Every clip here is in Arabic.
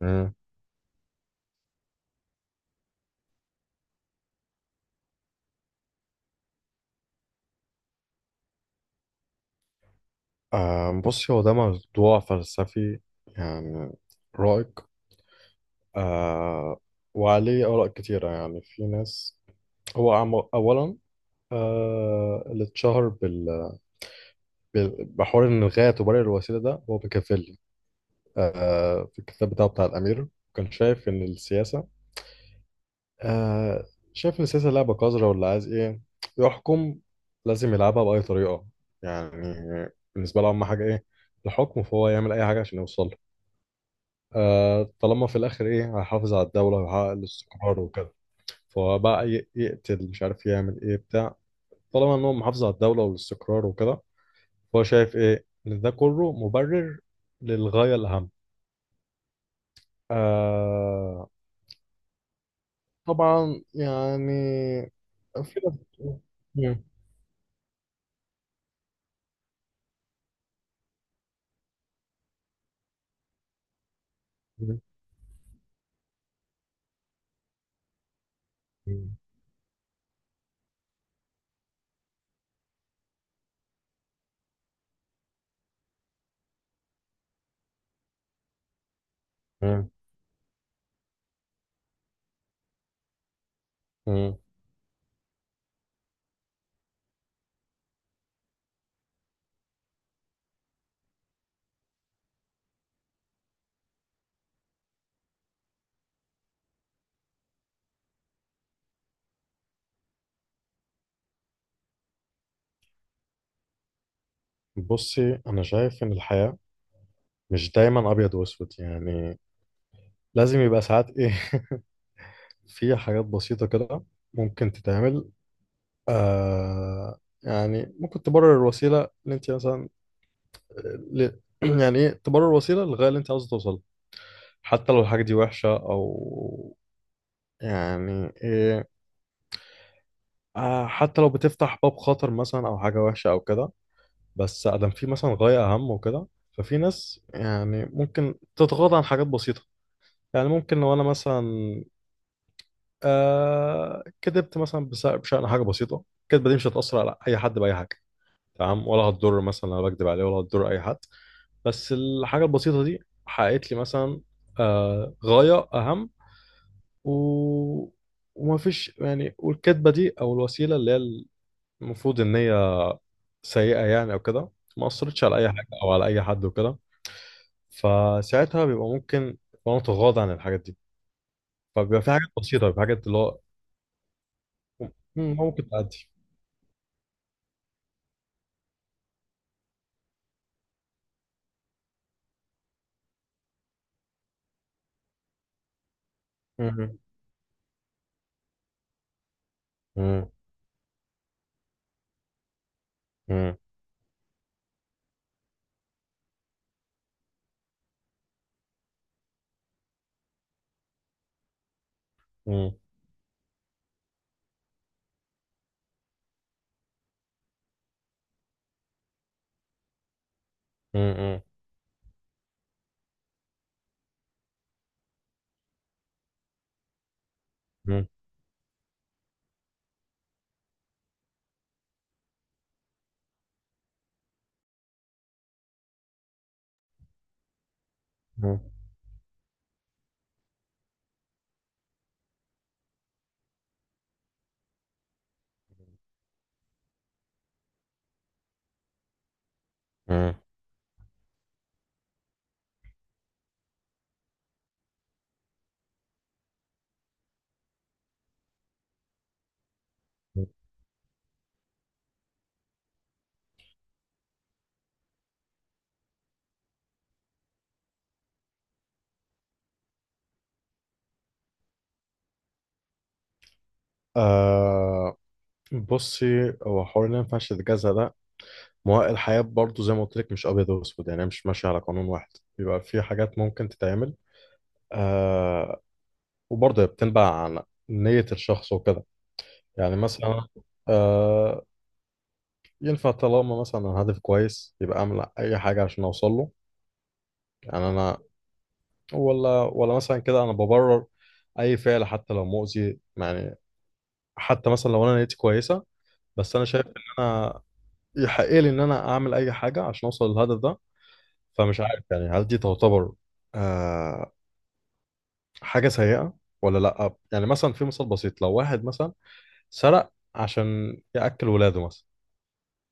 مم. بصي، هو ده موضوع فلسفي. يعني رائق. آه وعليه آراء كتيرة. يعني في ناس أولا، اللي اتشهر بحوار إن الغاية تبرر الوسيلة، ده هو بيكافيلي. في الكتاب بتاعه، بتاع الأمير، كان شايف إن السياسة، آه شايف إن السياسة لعبة قذرة. واللي عايز إيه؟ يحكم. لازم يلعبها بأي طريقة. يعني بالنسبة له أهم حاجة إيه؟ الحكم. فهو يعمل أي حاجة عشان يوصل له. طالما في الاخر ايه، هيحافظ على الدوله ويحقق الاستقرار وكده، فهو بقى يقتل، مش عارف يعمل ايه بتاع، طالما ان هو محافظ على الدوله والاستقرار وكده. فهو شايف ايه، ان ده كله مبرر للغايه الاهم. آه طبعا يعني. في ناس مم. مم. مم. مم. بصي، انا شايف ان الحياه مش دايما ابيض واسود، يعني لازم يبقى ساعات ايه، في حاجات بسيطه كده ممكن تتعمل. يعني ممكن تبرر الوسيلة اللي انت مثلا ل... يعني ايه، تبرر الوسيلة للغاية اللي انت عاوز توصل، حتى لو الحاجة دي وحشة او يعني ايه. حتى لو بتفتح باب خطر مثلا او حاجة وحشة او كده، بس ادم في مثلا غاية اهم وكده. ففي ناس، يعني ممكن تتغاضى عن حاجات بسيطة. يعني ممكن لو انا مثلا كدبت مثلا، بشأن حاجة بسيطة، الكدبة دي مش هتأثر على أي حد بأي حاجة، تمام، ولا هتضر. مثلا انا بكدب عليه، ولا هتضر اي حد. بس الحاجه البسيطه دي حققت لي مثلا غايه اهم، و... ومفيش يعني. والكدبه دي او الوسيله اللي هي المفروض ان هي سيئه يعني او كده، ما اثرتش على اي حاجه او على اي حد وكده. فساعتها بيبقى ممكن، وانا متغاضى عن الحاجات دي. فبيبقى في حاجات بسيطه، بيبقى في حاجات اللي هو، مم، ممكن تعدي. مم، مم، مم، مم، مم، مم، مم، مم. آه بصي، هو حوار اللي ما ينفعش تتجازى ده، ما هو الحياة برضه زي ما قلت لك مش أبيض وأسود، يعني مش ماشية على قانون واحد. بيبقى في حاجات ممكن تتعمل. آه وبرضه هي بتنبع عن نية الشخص وكده. يعني مثلا آه ينفع طالما مثلا الهدف كويس، يبقى أعمل أي حاجة عشان أوصل له. يعني أنا ولا مثلا كده أنا ببرر أي فعل حتى لو مؤذي، يعني حتى مثلا لو أنا نيتي كويسة. بس أنا شايف إن أنا، يحقق لي ان انا اعمل اي حاجه عشان اوصل للهدف ده. فمش عارف يعني، هل دي تعتبر آه حاجه سيئه ولا لا؟ يعني مثلا في مثال بسيط، لو واحد مثلا سرق عشان ياكل ولاده مثلا،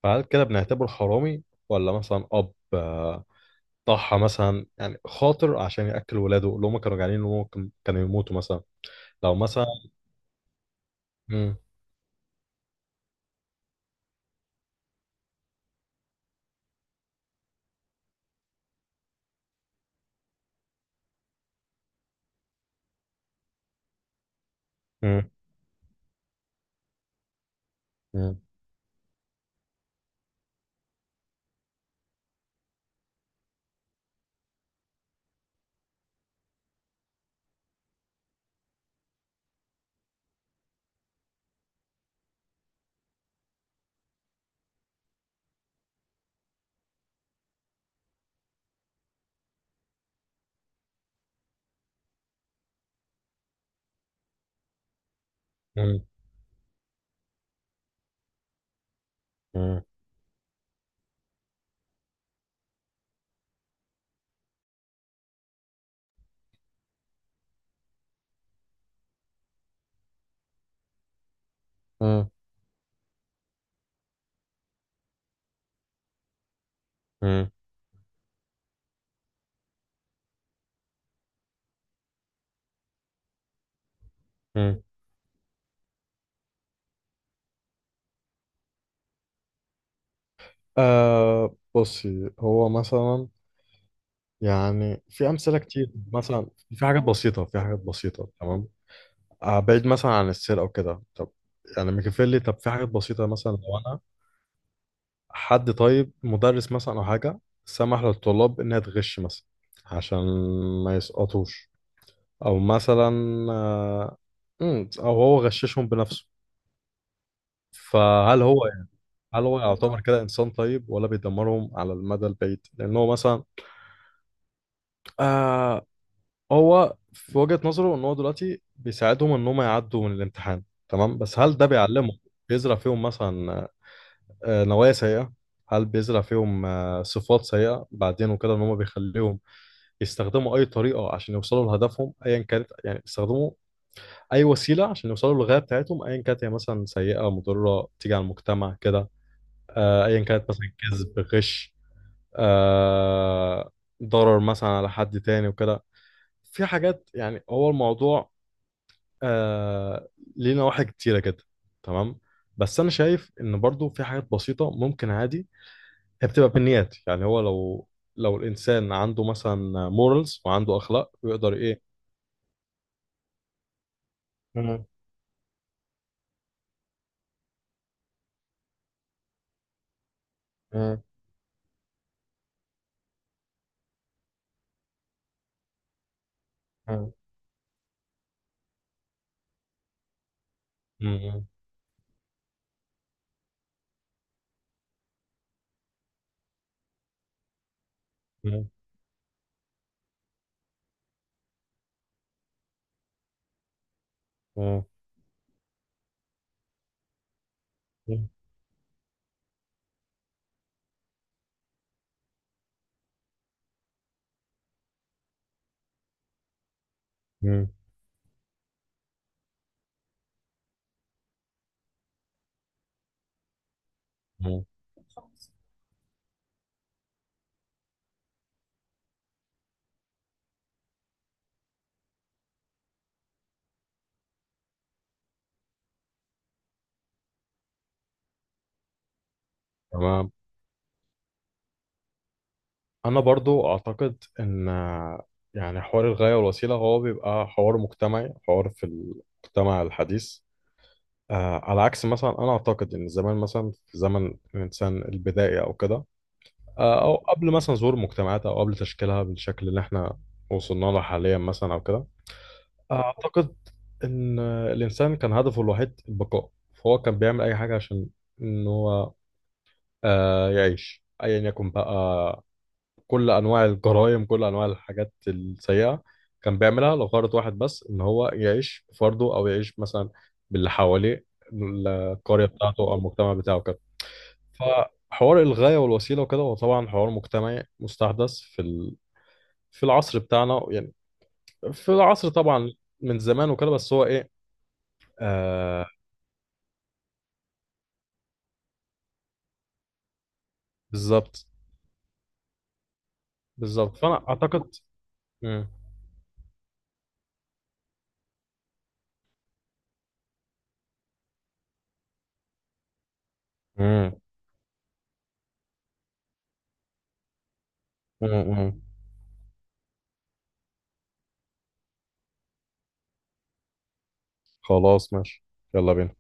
فهل كده بنعتبره حرامي، ولا مثلا اب، ضحى مثلا، يعني خاطر عشان ياكل ولاده اللي هم كانوا جعانين، ان هم كانوا يموتوا مثلا، لو مثلا... مم. مم. مم. مم. مم. مم. مم. بصي، هو مثلا يعني في أمثلة كتير مثلا. في حاجات بسيطة، في حاجات بسيطة، تمام. آه، بعيد مثلا عن السرقة وكده. طب يعني ميكافيلي، طب في حاجات بسيطة، مثلا لو أنا حد طيب، مدرس مثلا أو حاجة، سمح للطلاب إنها تغش مثلا عشان ما يسقطوش، أو مثلا، آه، أو هو غششهم بنفسه. فهل هو يعني، هل هو يعتبر كده إنسان طيب ولا بيدمرهم على المدى البعيد؟ لأن هو مثلا آه، هو في وجهة نظره ان هو دلوقتي بيساعدهم ان هم يعدوا من الامتحان، تمام. بس هل ده بيعلمهم، بيزرع فيهم مثلا آه، نوايا سيئة؟ هل بيزرع فيهم آه، صفات سيئة بعدين وكده، ان هم بيخليهم يستخدموا اي طريقة عشان يوصلوا لهدفهم ايا كانت؟ يعني يستخدموا اي وسيلة عشان يوصلوا للغاية بتاعتهم ايا كانت، هي مثلا سيئة، مضرة، تيجي على المجتمع كده، آه، ايا كانت مثلا كذب، غش، آه، ضرر مثلا على حد تاني وكده. في حاجات يعني، هو الموضوع آه ليه نواحي كتيرة كده، تمام. بس أنا شايف إن برضو في حاجات بسيطة ممكن عادي، هي بتبقى بالنيات. يعني هو لو، لو الإنسان عنده مثلا مورالز وعنده أخلاق، يقدر إيه. مم. مم. مم. مم. مم. مم. مم. مم. تمام. أنا برضو أعتقد إن، يعني حوار الغاية والوسيلة هو بيبقى حوار مجتمعي، حوار في المجتمع الحديث. على عكس مثلا، انا اعتقد ان زمان مثلا، في زمن الانسان البدائي او كده، او قبل مثلا ظهور مجتمعات، او قبل تشكيلها بالشكل اللي احنا وصلنا له حاليا مثلا او كده. اعتقد ان الانسان كان هدفه الوحيد البقاء، فهو كان بيعمل اي حاجه عشان ان هو يعيش ايا يكن بقى. كل انواع الجرائم، كل انواع الحاجات السيئه كان بيعملها لغرض واحد بس، ان هو يعيش بفرده، او يعيش مثلا باللي حواليه، القريه بتاعته او المجتمع بتاعه كده. فحوار الغايه والوسيله وكده، هو طبعا حوار مجتمعي مستحدث في ال... في العصر بتاعنا، يعني في العصر طبعا من زمان وكده، بس هو ايه، آه بالظبط. بالظبط، فانا اعتقد. مم. مم. مم. مم. خلاص ماشي، يلا بينا.